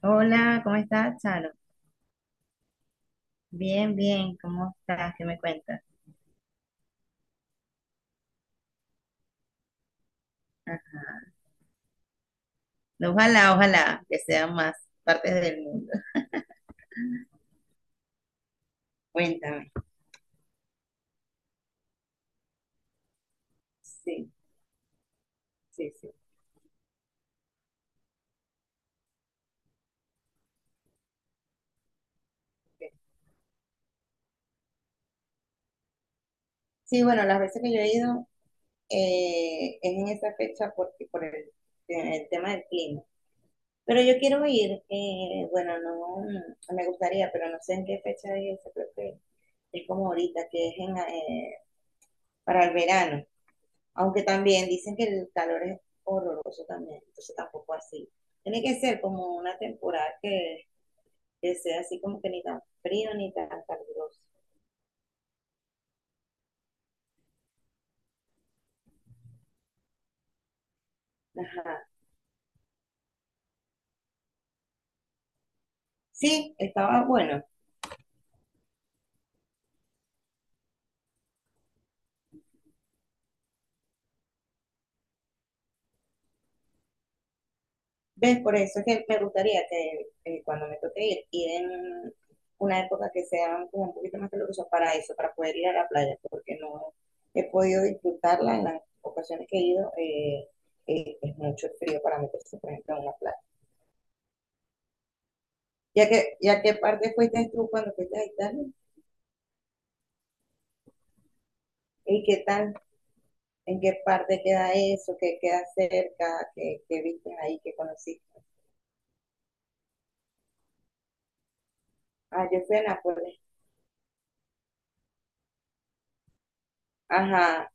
Hola, ¿cómo estás, Charo? Bien, bien, ¿cómo estás? ¿Qué me cuentas? Ah, ojalá, ojalá que sean más partes del mundo. Cuéntame. Sí, sí, sí. Sí, sí, bueno, las veces que yo he ido es en esa fecha porque por el tema del clima. Pero yo quiero ir, bueno, no, no, me gustaría, pero no sé en qué fecha es, esa, creo que es como ahorita, que es en, para el verano. Aunque también dicen que el calor es horroroso también, entonces tampoco así. Tiene que ser como una temporada que sea así como que ni tan frío ni tan caluroso. Ajá. Sí, estaba bueno. ¿Ves? Por eso es que me gustaría que cuando me toque ir, ir en una época que sea como un poquito más calurosa para eso, para poder ir a la playa, porque no he podido disfrutarla en las ocasiones que he ido. Es mucho frío para meterse, por ejemplo, en una playa. Y a qué parte fuiste tú cuando fuiste a Italia? ¿Y qué tal? ¿En qué parte queda eso? ¿Qué queda cerca? ¿Qué, qué viste ahí? ¿Qué conociste? Ah, yo fui a Nápoles. Ajá.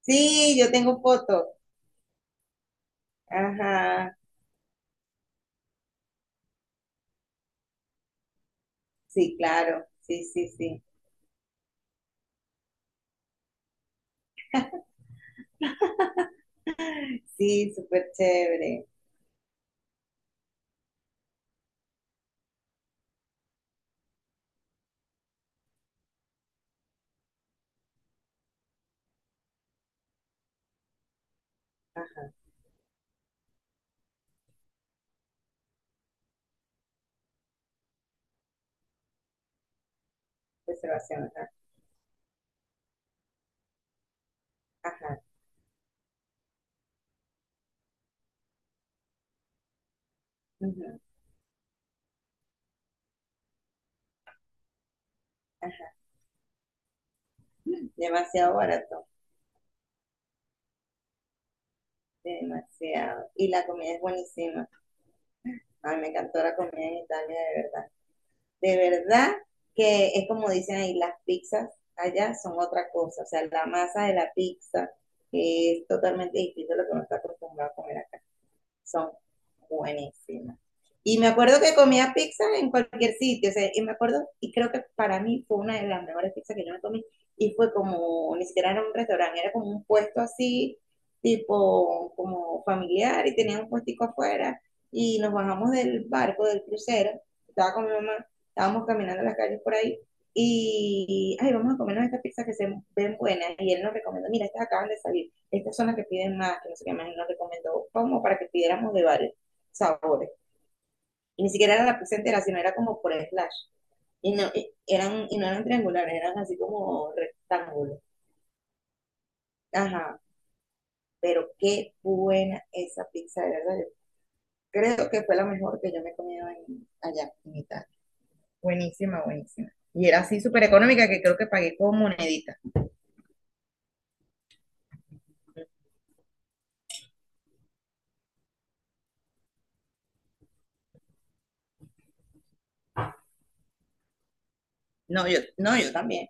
Sí, yo tengo fotos. Ajá. Sí, claro. Sí, sí, sí. Sí, súper chévere. Ajá. Reservación, ajá. Ajá. Ujú. Ajá. Demasiado barato. Demasiado. Y la comida es buenísima. Ay, me encantó la comida en Italia, de verdad. De verdad que es como dicen ahí, las pizzas allá son otra cosa. O sea, la masa de la pizza es totalmente distinta a lo que uno está acostumbrado a comer acá, son buenísimas. Y me acuerdo que comía pizza en cualquier sitio, o sea, y me acuerdo, y creo que para mí fue una de las mejores pizzas que yo me comí, y fue como, ni siquiera era un restaurante, era como un puesto así, tipo, como familiar, y tenía un puestico afuera, y nos bajamos del barco, del crucero, estaba con mi mamá, estábamos caminando las calles por ahí, y, ay, vamos a comernos esta pizza que se ven buena, y él nos recomendó, mira, estas acaban de salir, estas son las que piden más, que no sé qué más, y nos recomendó como para que pidiéramos de varios sabores. Y ni siquiera era la pizza entera sino era como por slash. Y no, y eran, y no eran triangulares, eran así como rectángulos. Ajá, pero qué buena esa pizza, de verdad. Yo creo que fue la mejor que yo me he comido allá en Italia. Buenísima, buenísima. Y era así súper económica que creo que pagué con moneditas. No, yo, no, yo también.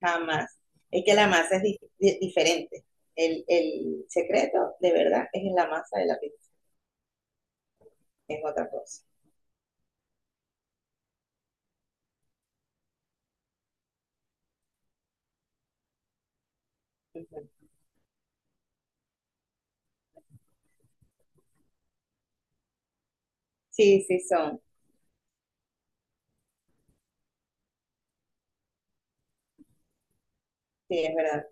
Jamás. Es que la masa es diferente. El secreto, de verdad, es en la masa de la pizza, es otra cosa. Ujú. Sí, sí son, sí, es verdad.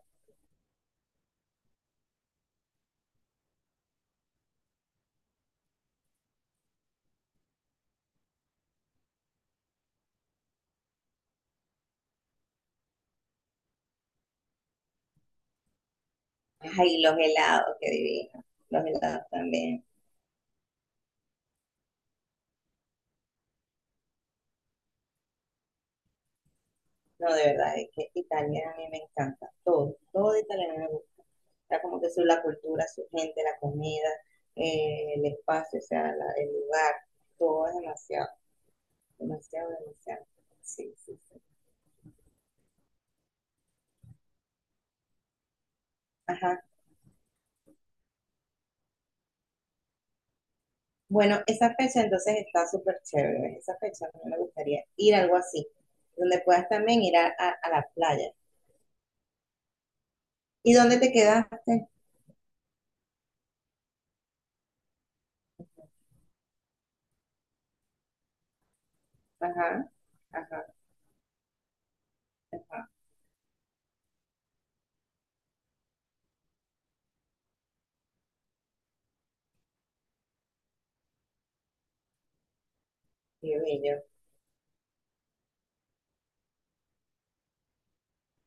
Ay, los helados, qué divino. Los helados también. No, de verdad, es que Italia a mí me encanta. Todo, todo de Italia me gusta. Está como que su, la cultura, su gente, la comida, el espacio, o sea, el lugar, todo es demasiado, demasiado, demasiado. Sí, sí, sí. Ajá. Bueno, esa fecha entonces está súper chévere. Esa fecha a mí me gustaría ir a algo así, donde puedas también ir a la playa. ¿Y dónde te quedaste? Ajá, ajá, ajá. Qué bello.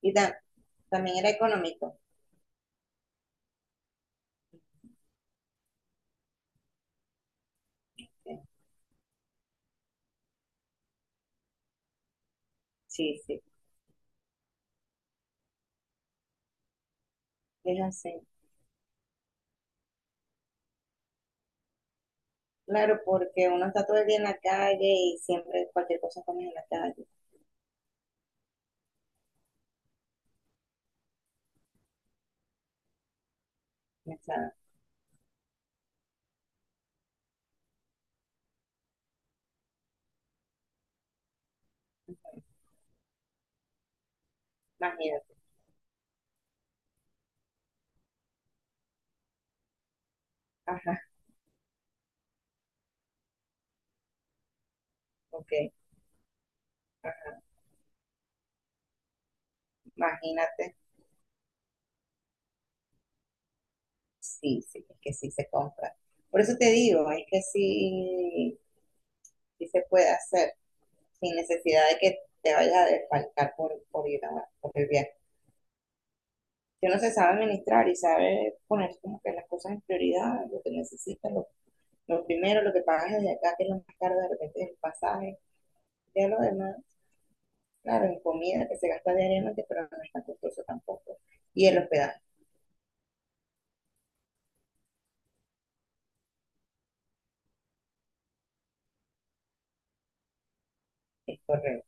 Y también era económico. Sí, sí, es así. Claro, porque uno está todo el día en la calle y siempre cualquier cosa comes en la calle. O sea, imagínate. Ajá, ok, imagínate. Sí, sí, es que sí se compra. Por eso te digo, es que sí, sí se puede hacer, sin necesidad de que te vayas a desfalcar por ir por el viaje. Si uno se sabe administrar y sabe poner como que las cosas en prioridad, lo que necesitas, lo primero, lo que pagas desde acá, que es lo más caro de repente es el pasaje, ya lo demás, claro, en comida que se gasta diariamente, pero no es tan costoso tampoco. Y el hospedaje, es correcto.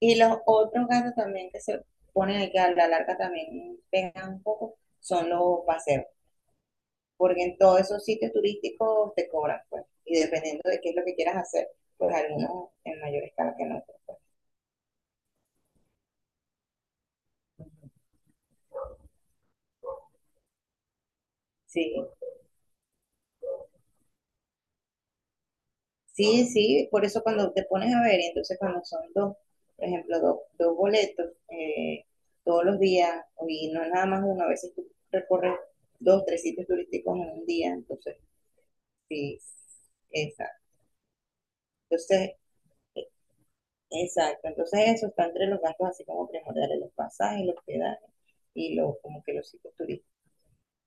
Y los otros gastos también que se ponen ahí, que a la larga también pegan un poco, son los paseos, porque en todos esos sitios turísticos te cobran, pues, y dependiendo de qué es lo que quieras hacer, pues algunos en mayor escala que en otros. Sí, sí, sí, por eso cuando te pones a ver, entonces cuando son dos, por ejemplo, dos, dos boletos todos los días, y no es nada más uno, a veces tú recorres dos, tres sitios turísticos en un día, entonces, sí, exacto. Entonces, eh, exacto, entonces eso está entre los gastos así como primordiales, los pasajes, los hospedaje y los, como que los sitios turísticos.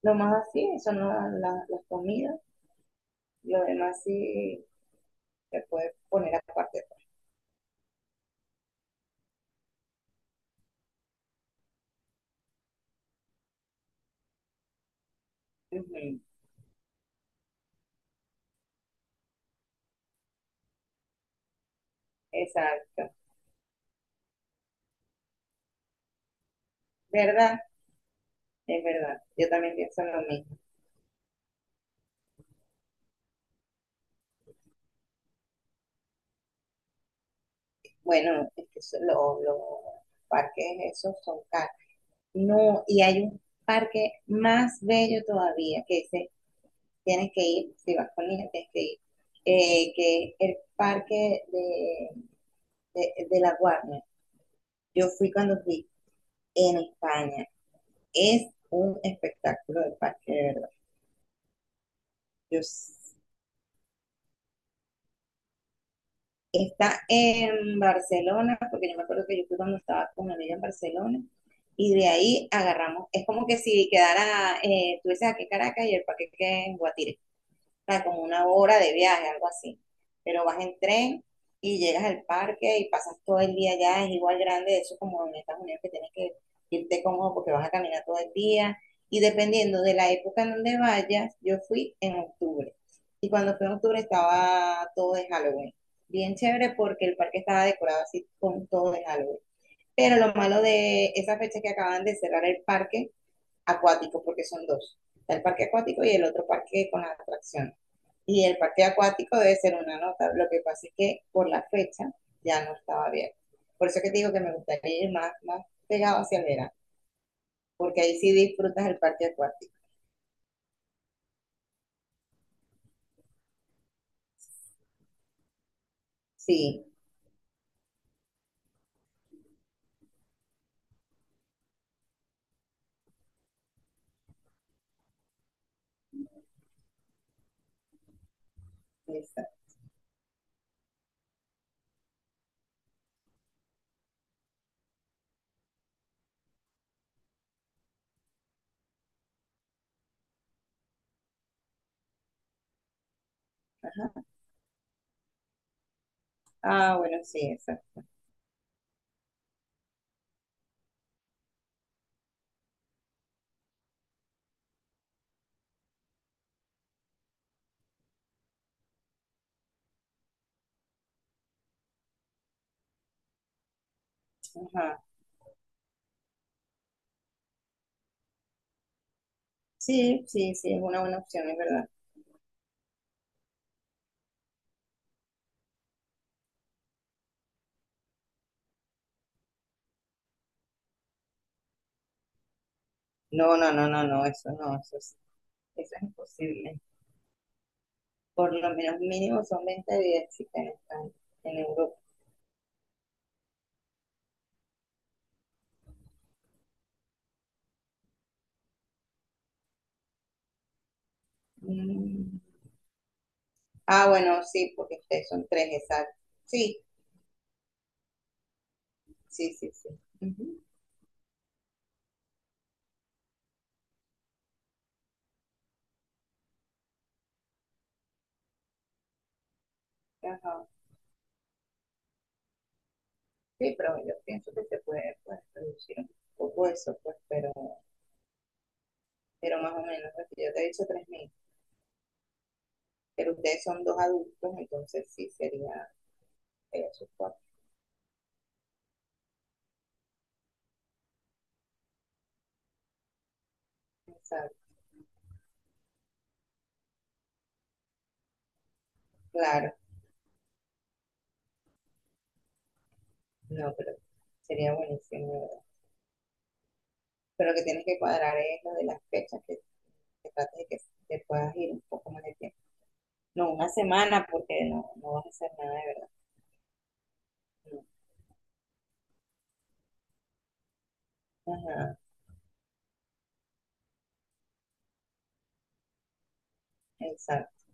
Lo más así son las comidas, lo demás sí se puede poner aparte. Ujú. Exacto, ¿verdad? Es verdad, yo también pienso lo mismo. Bueno, es que los parques esos son caros. No, y hay un parque más bello todavía que dice, tienes que ir, si vas con niños tienes que ir, que es el parque de La Guardia. Yo fui cuando fui en España. Es un espectáculo de parque, de verdad. Yo s- está en Barcelona, porque yo me acuerdo que yo fui cuando estaba con mi amiga en Barcelona, y de ahí agarramos. Es como que si quedara, tú dices aquí en Caracas y el paquete en Guatire. Sea, como una hora de viaje, algo así. Pero vas en tren y llegas al parque y pasas todo el día allá, es igual grande, eso como en Estados Unidos que tienes que irte cómodo porque vas a caminar todo el día. Y dependiendo de la época en donde vayas, yo fui en octubre. Y cuando fui en octubre estaba todo de Halloween. Bien chévere porque el parque estaba decorado así con todo de Halloween. Pero lo malo de esa fecha es que acaban de cerrar el parque acuático, porque son dos. Está el parque acuático y el otro parque con las atracciones. Y el parque acuático debe ser una nota. Lo que pasa es que por la fecha ya no estaba abierto. Por eso que te digo que me gustaría ir más, más pegado hacia el verano, porque ahí sí disfrutas el parque acuático. Sí, esa. Ah, bueno, sí, esa. Ajá. Sí, sí, sí, es una buena opción, es verdad. No, no, no, no, no, eso no, eso es imposible. Por lo menos mínimo son 20 días, chicas, en España, en Europa. Mm. Ah, bueno, sí, porque ustedes son tres, exacto. Sí, sí, sí, sí. Ujú. Ajá. Sí, pero yo pienso que se puede pues, reducir un poco eso, pues, pero más o menos, lo que yo te he dicho 3.000, pero ustedes son dos adultos, entonces sí sería eso, cuatro. Exacto. Claro, no, pero sería buenísimo, de ¿verdad? Pero lo que tienes que cuadrar es lo de las fechas, que trates de que te puedas ir un poco más de tiempo. No, una semana, porque no, no vas a hacer nada de verdad. No. Ajá, exacto,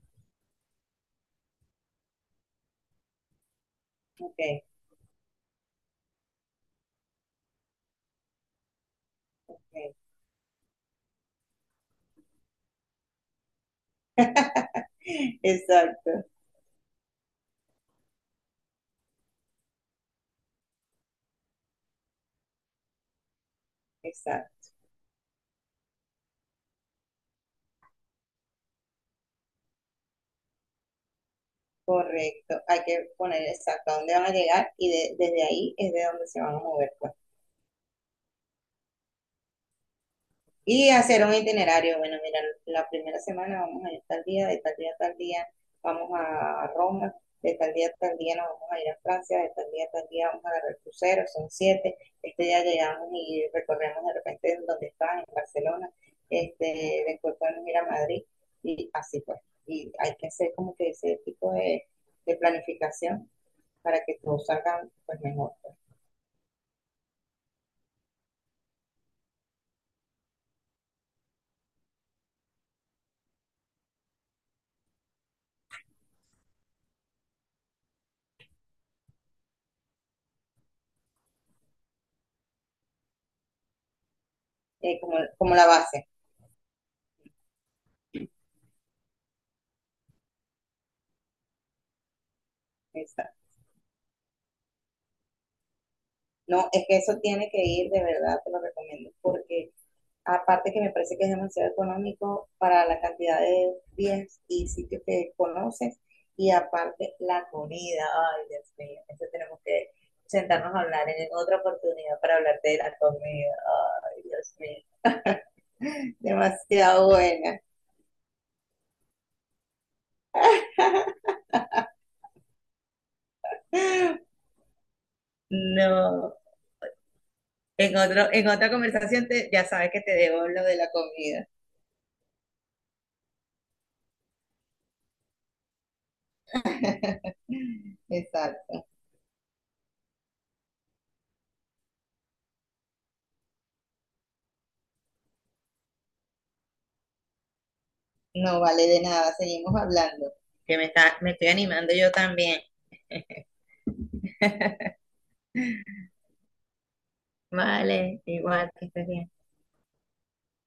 ok, ok. Exacto, exacto. Correcto, hay que poner exacto a dónde van a llegar y desde ahí es de donde se van a mover, pues. Y hacer un itinerario. Bueno, mira, la primera semana vamos a ir tal día, de tal día a tal día vamos a Roma, de tal día a tal día nos vamos a ir a Francia, de tal día a tal día vamos a agarrar crucero, son 7. Este día llegamos y recorremos de repente donde están, en Barcelona. Este, después podemos ir a Madrid y así pues. Y hay que hacer como que ese tipo de planificación para que todos salgan pues, mejor, como la base. Exacto. No, es que eso tiene que ir, de verdad, te lo recomiendo, porque aparte que me parece que es demasiado económico para la cantidad de días y sitios que conoces, y aparte la comida, ay Dios mío, eso tenemos que sentarnos a hablar en otra oportunidad para hablarte de la comida, ay Dios mío, demasiado buena. No. En otra conversación te- ya sabes que te debo lo de la comida. Exacto. No vale de nada, seguimos hablando. Que me está, me estoy animando yo también. Vale, igual que estés bien.